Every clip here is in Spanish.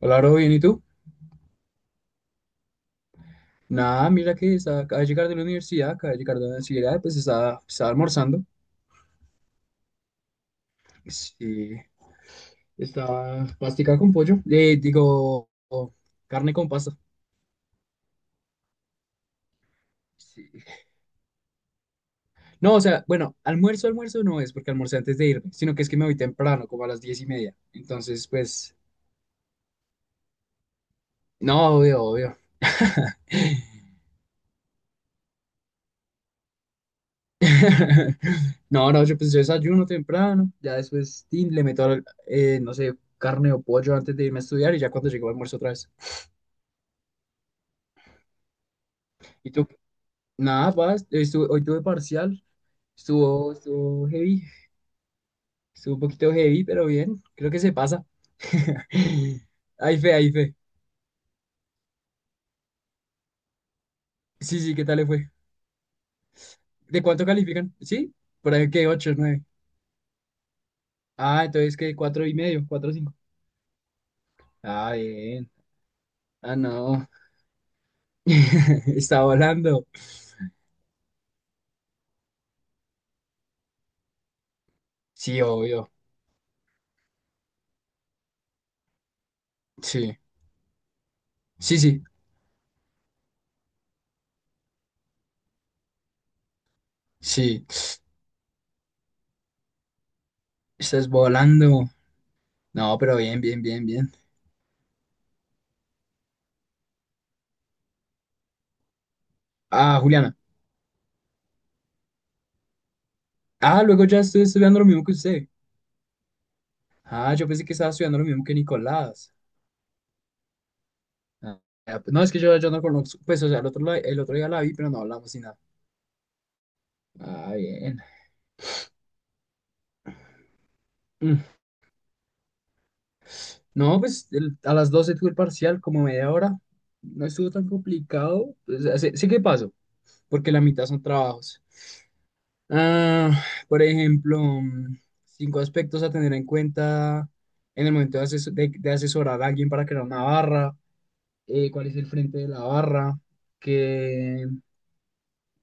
Hola, bro, bien, ¿y tú? Nada, mira que acaba de llegar de la universidad, pues estaba almorzando. Pues, sí, estaba pastica con pollo, digo, carne con pasta. Sí. No, o sea, bueno, almuerzo no es porque almorcé antes de irme, sino que es que me voy temprano, como a las 10:30. Entonces, pues, no, obvio, obvio. No, no, yo pues yo desayuno temprano, ya después tin, le meto, no sé, carne o pollo antes de irme a estudiar y ya cuando llego almuerzo otra vez. Y tú, nada, paz, hoy tuve parcial, estuvo heavy, estuvo un poquito heavy, pero bien, creo que se pasa. Hay fe, hay fe. Sí, sí, ¿qué tal le fue? ¿De cuánto califican? ¿Sí? Por ahí que 8 nueve. Ah, entonces que 4 y medio, 4 cinco. Ah, bien. Ah, no. Está volando. Sí, obvio. Sí. Sí, sí. Sí. Estás volando. No, pero bien, bien, bien, bien. Ah, Juliana. Ah, luego ya estoy estudiando lo mismo que usted. Ah, yo pensé que estaba estudiando lo mismo que Nicolás. Ah, ya, pues, no, es que yo no conozco, pues, o sea, el otro, el otro día la vi, pero no hablamos ni nada. Ah, bien. Mm, No, pues a las 12 tuve el parcial, como media hora. No estuvo tan complicado. Pues, sé qué pasó, porque la mitad son trabajos. Ah, por ejemplo, cinco aspectos a tener en cuenta en el momento de asesorar a alguien para crear una barra. Cuál es el frente de la barra. ¿Qué,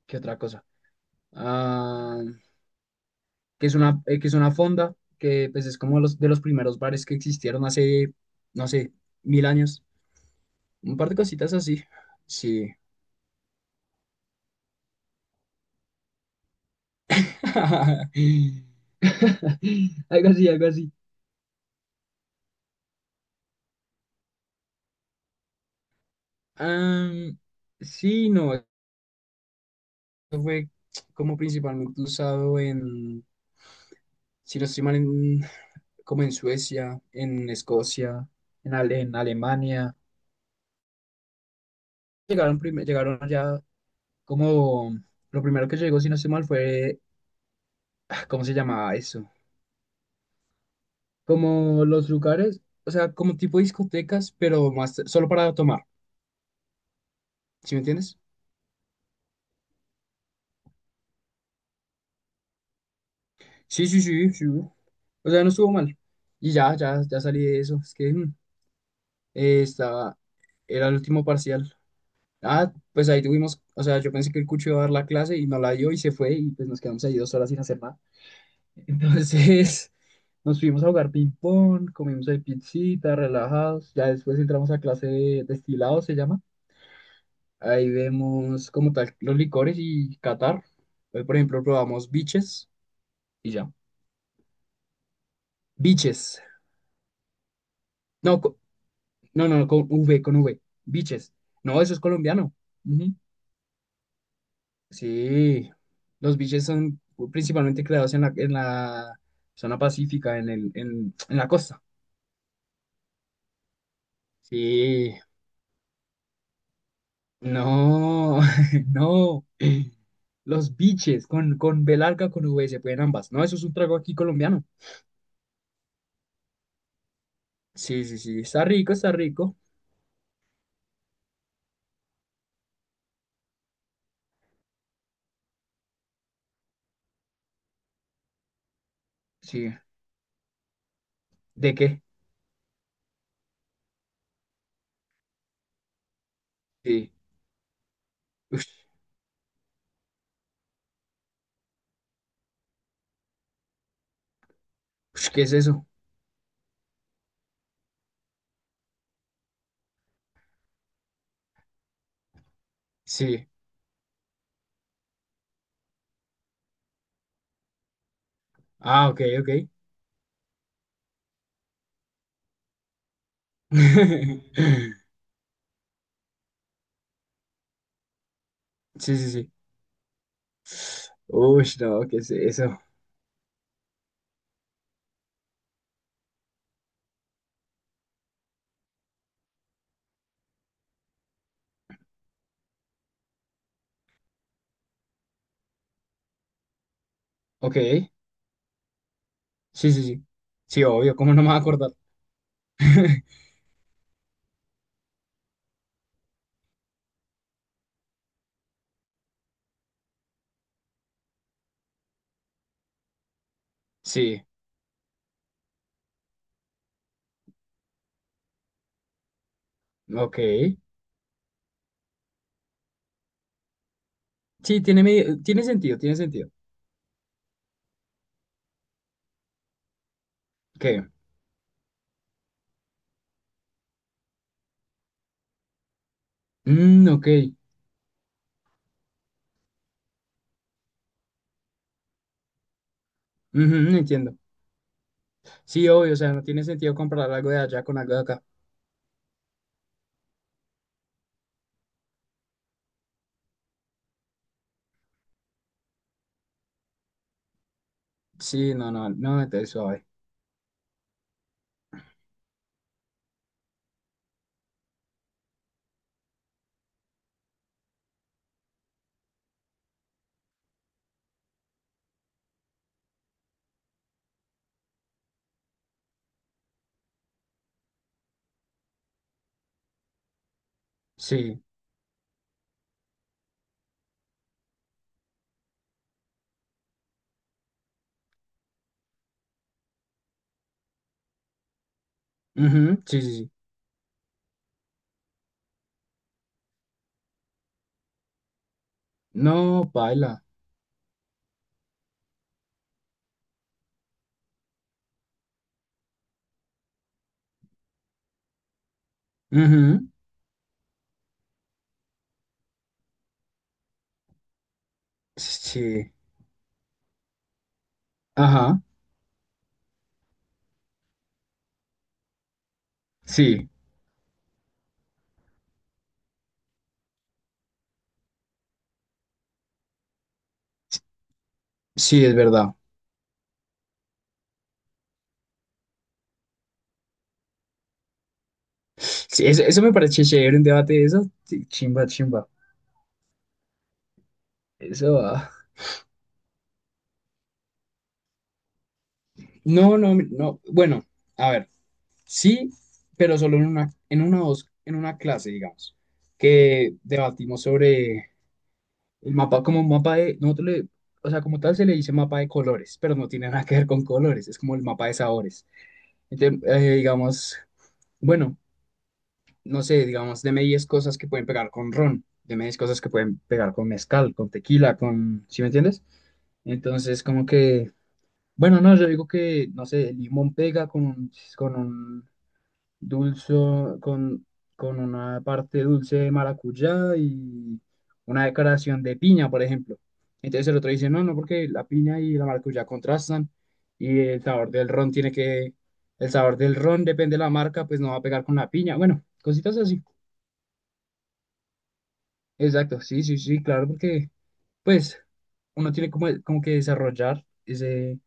qué otra cosa? ah, que que es una fonda, que pues es como de los primeros bares que existieron hace, no sé, mil años. Un par de cositas así. Sí. Algo así, algo así. Am, sí, no, eso fue como principalmente usado en, si no estoy mal, como en Suecia, en Escocia, en Alemania. Llegaron allá como, lo primero que llegó, si no estoy mal, fue. ¿Cómo se llamaba eso? Como los lugares, o sea, como tipo discotecas, pero más solo para tomar, ¿sí me entiendes? Sí, sí, sí, sí. O sea, no estuvo mal. Y ya, ya, ya salí de eso. Es que eh, estaba, era el último parcial. Ah, pues ahí tuvimos, o sea, yo pensé que el cucho iba a dar la clase y no la dio y se fue y pues nos quedamos ahí 2 horas sin hacer nada. Entonces, nos fuimos a jugar ping-pong, comimos ahí pizzita, relajados. Ya después entramos a clase de destilado, se llama. Ahí vemos como tal los licores y Qatar. Hoy, por ejemplo, probamos biches y ya. Biches. No, no, no, no, con V. Biches. No, eso es colombiano. Ujú. Sí, los biches son principalmente creados en la zona pacífica, en la costa. Sí, no, no. Los biches con B larga, con V, se pueden ambas. No, eso es un trago aquí colombiano. Sí, sí, sí, está rico, está rico. Sí. ¿De qué? Sí. Ush, ush, ¿qué es eso? Sí. Ah, ok, ok. Sí, sí, sí. Uy, no, ¿qué es eso? Ok. Sí, sí, sí. Sí, obvio, ¿cómo no me voy a acordar? Sí, ok. Sí, tiene sentido, tiene sentido. Ok. Mm, ok. Ujú, entiendo. Sí, obvio, o sea, no tiene sentido comprar algo de allá con algo de acá. Sí, no, no, no, entonces suave. Sí. Ujú, sí, sí, sí. No, baila. Sí. Ajá, sí, sí, es verdad. Sí, eso me parece chévere, un debate de eso. Sí, chimba, chimba. Eso. Ah. No, no, no. Bueno, a ver, sí, pero solo en una clase, digamos, que debatimos sobre el mapa, como un mapa de, o sea, como tal se le dice mapa de colores, pero no tiene nada que ver con colores, es como el mapa de sabores. Entonces, digamos, bueno. No sé, digamos, deme 10 cosas que pueden pegar con ron, deme 10 cosas que pueden pegar con mezcal, con tequila, con, ¿sí me entiendes? Entonces, como que, bueno, no, yo digo que, no sé, el limón pega con un dulce, con, con una parte dulce de maracuyá y una decoración de piña, por ejemplo. Entonces el otro dice, no, no, porque la piña y la maracuyá contrastan y el sabor del ron depende de la marca, pues no va a pegar con la piña. Bueno, cositas así. Exacto, sí, sí, sí, claro, porque pues uno tiene como que desarrollar ese,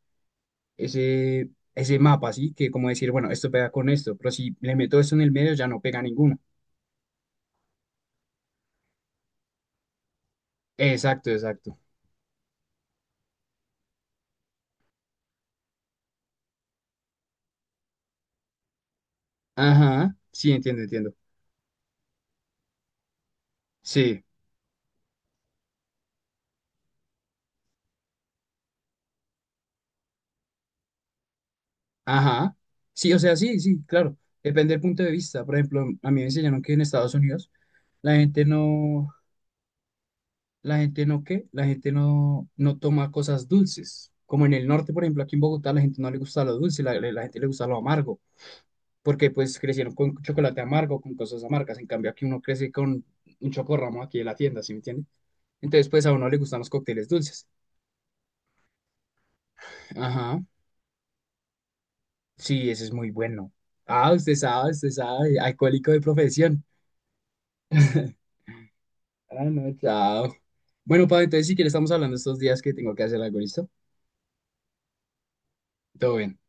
ese, ese mapa, ¿sí? Que como decir, bueno, esto pega con esto, pero si le meto esto en el medio ya no pega ninguno. Exacto, exacto. Ajá, sí, entiendo, entiendo. Sí, ajá. Sí, o sea, sí, sí, claro. Depende del punto de vista. Por ejemplo, a mí me enseñaron que en Estados Unidos la gente no, la gente no, ¿qué? La gente no, no toma cosas dulces. Como en el norte, por ejemplo, aquí en Bogotá, la gente no le gusta lo dulce, la gente le gusta lo amargo. Porque pues crecieron con chocolate amargo, con cosas amargas, en cambio aquí uno crece con un chocorramo aquí de la tienda, ¿sí me entiende? Entonces pues a uno le gustan los cócteles dulces. Ajá, sí, ese es muy bueno. Ah, usted sabe, alcohólico de profesión. Ah, no, chao. Bueno, Pablo, entonces si quieres estamos hablando estos días que tengo que hacer algo, ¿listo? Todo bien.